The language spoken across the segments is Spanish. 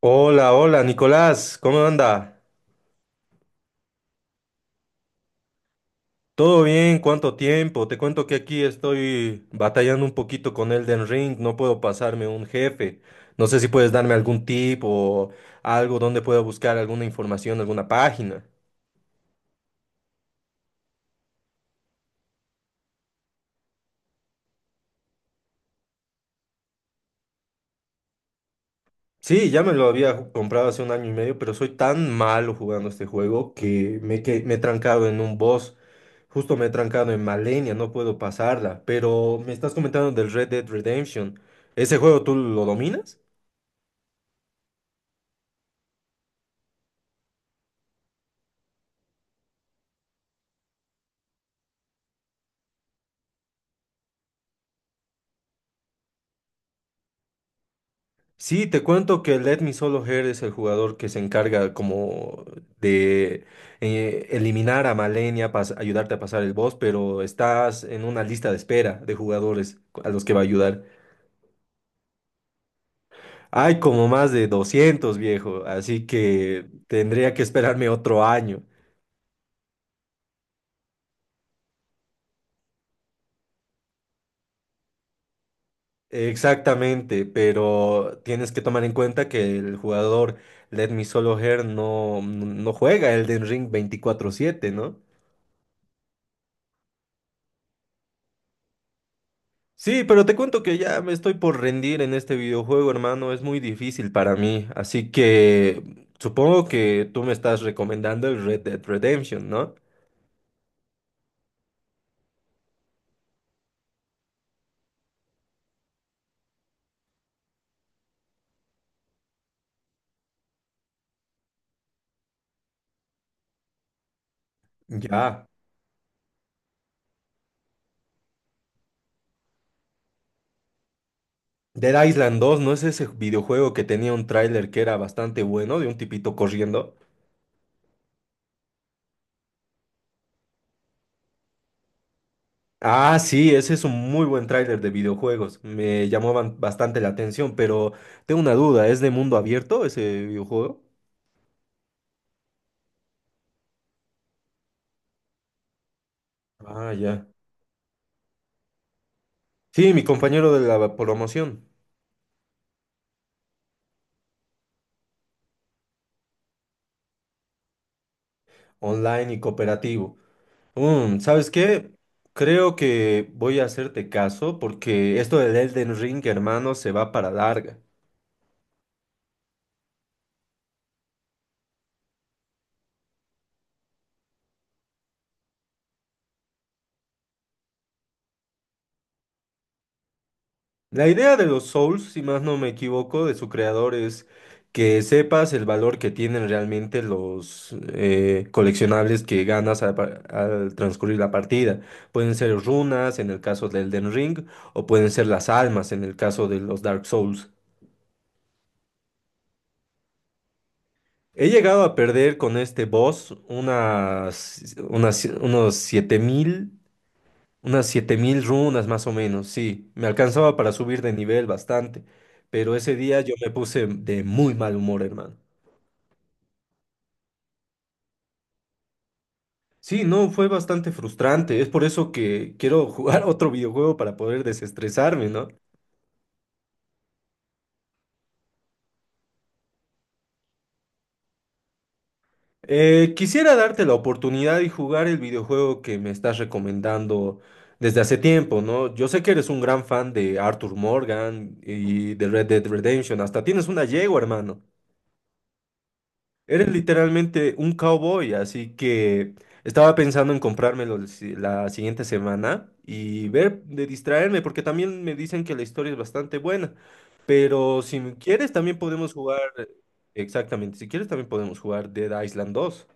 Hola, hola, Nicolás, ¿cómo anda? ¿Todo bien? ¿Cuánto tiempo? Te cuento que aquí estoy batallando un poquito con Elden Ring, no puedo pasarme un jefe. No sé si puedes darme algún tip o algo donde pueda buscar alguna información, alguna página. Sí, ya me lo había comprado hace un año y medio, pero soy tan malo jugando este juego que me he trancado en un boss. Justo me he trancado en Malenia, no puedo pasarla. Pero me estás comentando del Red Dead Redemption. ¿Ese juego tú lo dominas? Sí, te cuento que Let Me Solo Her es el jugador que se encarga como de eliminar a Malenia para ayudarte a pasar el boss, pero estás en una lista de espera de jugadores a los que va a ayudar. Hay como más de 200 viejo, así que tendría que esperarme otro año. Exactamente, pero tienes que tomar en cuenta que el jugador Let Me Solo Her no, no juega Elden Ring 24/7, ¿no? Sí, pero te cuento que ya me estoy por rendir en este videojuego, hermano. Es muy difícil para mí. Así que supongo que tú me estás recomendando el Red Dead Redemption, ¿no? Ya. Dead Island dos, ¿no es ese videojuego que tenía un tráiler que era bastante bueno de un tipito corriendo? Ah, sí, ese es un muy buen tráiler de videojuegos. Me llamaban bastante la atención, pero tengo una duda, ¿es de mundo abierto ese videojuego? Ah, ya. Sí, mi compañero de la promoción, online y cooperativo. Mm, ¿sabes qué? Creo que voy a hacerte caso porque esto del Elden Ring, hermano, se va para larga. La idea de los Souls, si más no me equivoco, de su creador es que sepas el valor que tienen realmente los coleccionables que ganas al transcurrir la partida. Pueden ser runas en el caso del Elden Ring o pueden ser las almas en el caso de los Dark Souls. He llegado a perder con este boss unos 7.000. Unas 7.000 runas más o menos, sí. Me alcanzaba para subir de nivel bastante, pero ese día yo me puse de muy mal humor, hermano. Sí, no, fue bastante frustrante. Es por eso que quiero jugar otro videojuego para poder desestresarme, ¿no? Quisiera darte la oportunidad y jugar el videojuego que me estás recomendando desde hace tiempo, ¿no? Yo sé que eres un gran fan de Arthur Morgan y de Red Dead Redemption. Hasta tienes una yegua, hermano. Eres literalmente un cowboy, así que estaba pensando en comprármelo el si- la siguiente semana y ver de distraerme, porque también me dicen que la historia es bastante buena. Pero si me quieres, también podemos jugar, exactamente, si quieres, también podemos jugar Dead Island dos.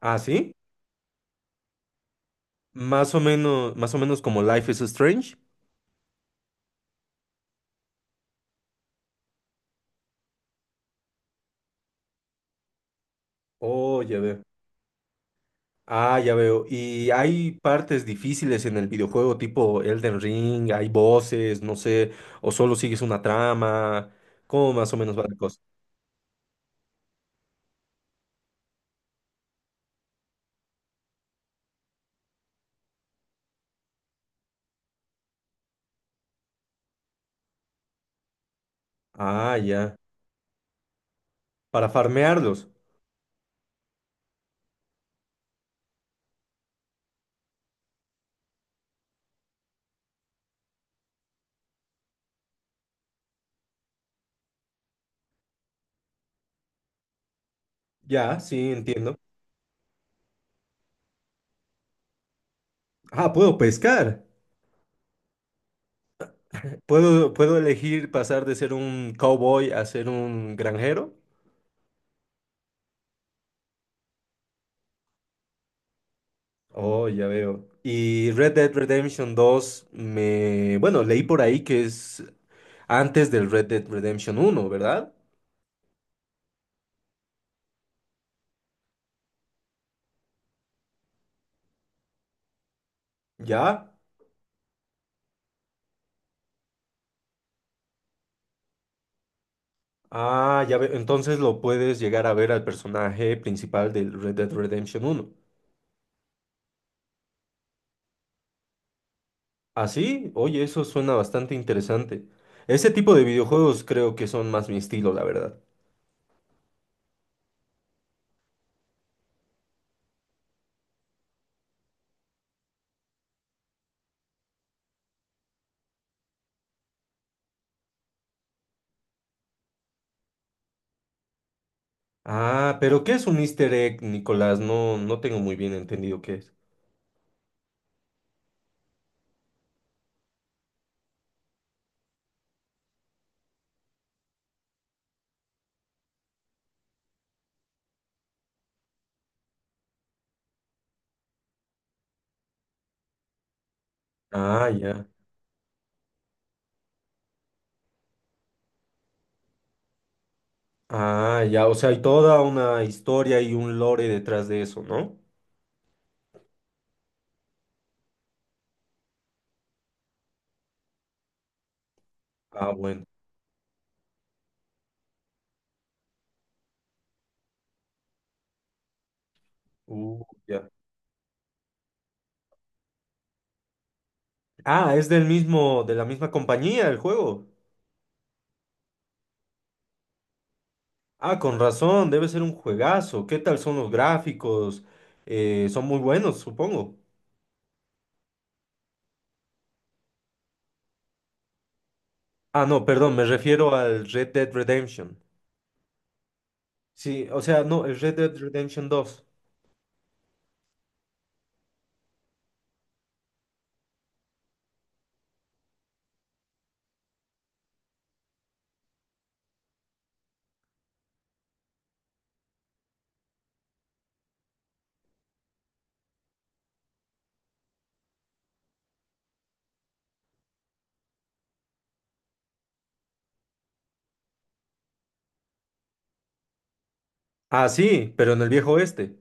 Ah, ¿sí? Más o menos como Life is Strange. Oh, ya veo. Ah, ya veo. Y hay partes difíciles en el videojuego, tipo Elden Ring, ¿hay voces, no sé, o solo sigues una trama? ¿Cómo más o menos va la cosa? Ah, ya. Para farmearlos. Ya, sí, entiendo. Ah, puedo pescar. ¿Puedo elegir pasar de ser un cowboy a ser un granjero? Oh, ya veo. Y Red Dead Redemption dos, me... Bueno, leí por ahí que es antes del Red Dead Redemption uno, ¿verdad? ¿Ya? Ah, ya veo. Entonces lo puedes llegar a ver al personaje principal del Red Dead Redemption uno. Así, oye, eso suena bastante interesante. Ese tipo de videojuegos creo que son más mi estilo, la verdad. Ah, pero ¿qué es un Easter egg, Nicolás? No, no tengo muy bien entendido qué es. Ah, ya. Ah, ya. O sea, hay toda una historia y un lore detrás de eso, ¿no? Ah, bueno. Ya. Ah, es del mismo, de la misma compañía el juego. Ah, con razón, debe ser un juegazo. ¿Qué tal son los gráficos? Son muy buenos, supongo. Ah, no, perdón, me refiero al Red Dead Redemption. Sí, o sea, no, el Red Dead Redemption dos. Ah, sí, pero en el viejo oeste.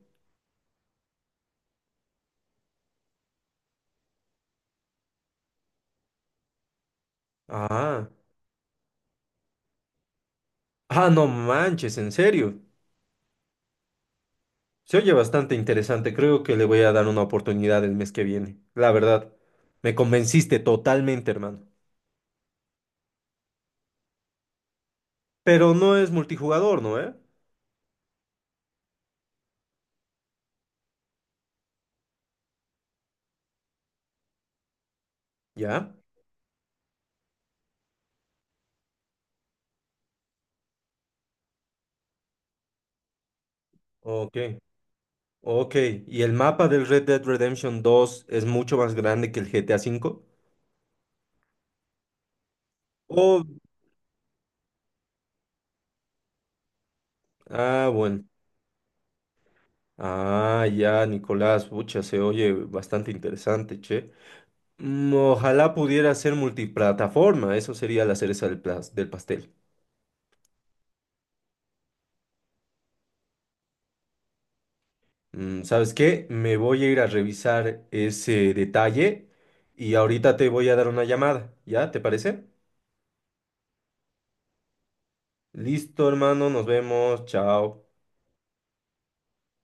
Ah, ah, no manches, en serio. Se oye bastante interesante. Creo que le voy a dar una oportunidad el mes que viene. La verdad, me convenciste totalmente, hermano. Pero no es multijugador, ¿no, eh? ¿Ya? Ok. Ok, ¿y el mapa del Red Dead Redemption 2 es mucho más grande que el GTA V? Oh, ah, bueno. Ah, ya, Nicolás, pucha, se oye bastante interesante, che. Mm, ojalá pudiera ser multiplataforma, eso sería la cereza del pastel. Mm, ¿sabes qué? Me voy a ir a revisar ese detalle y ahorita te voy a dar una llamada, ¿ya? ¿Te parece? Listo, hermano, nos vemos, chao.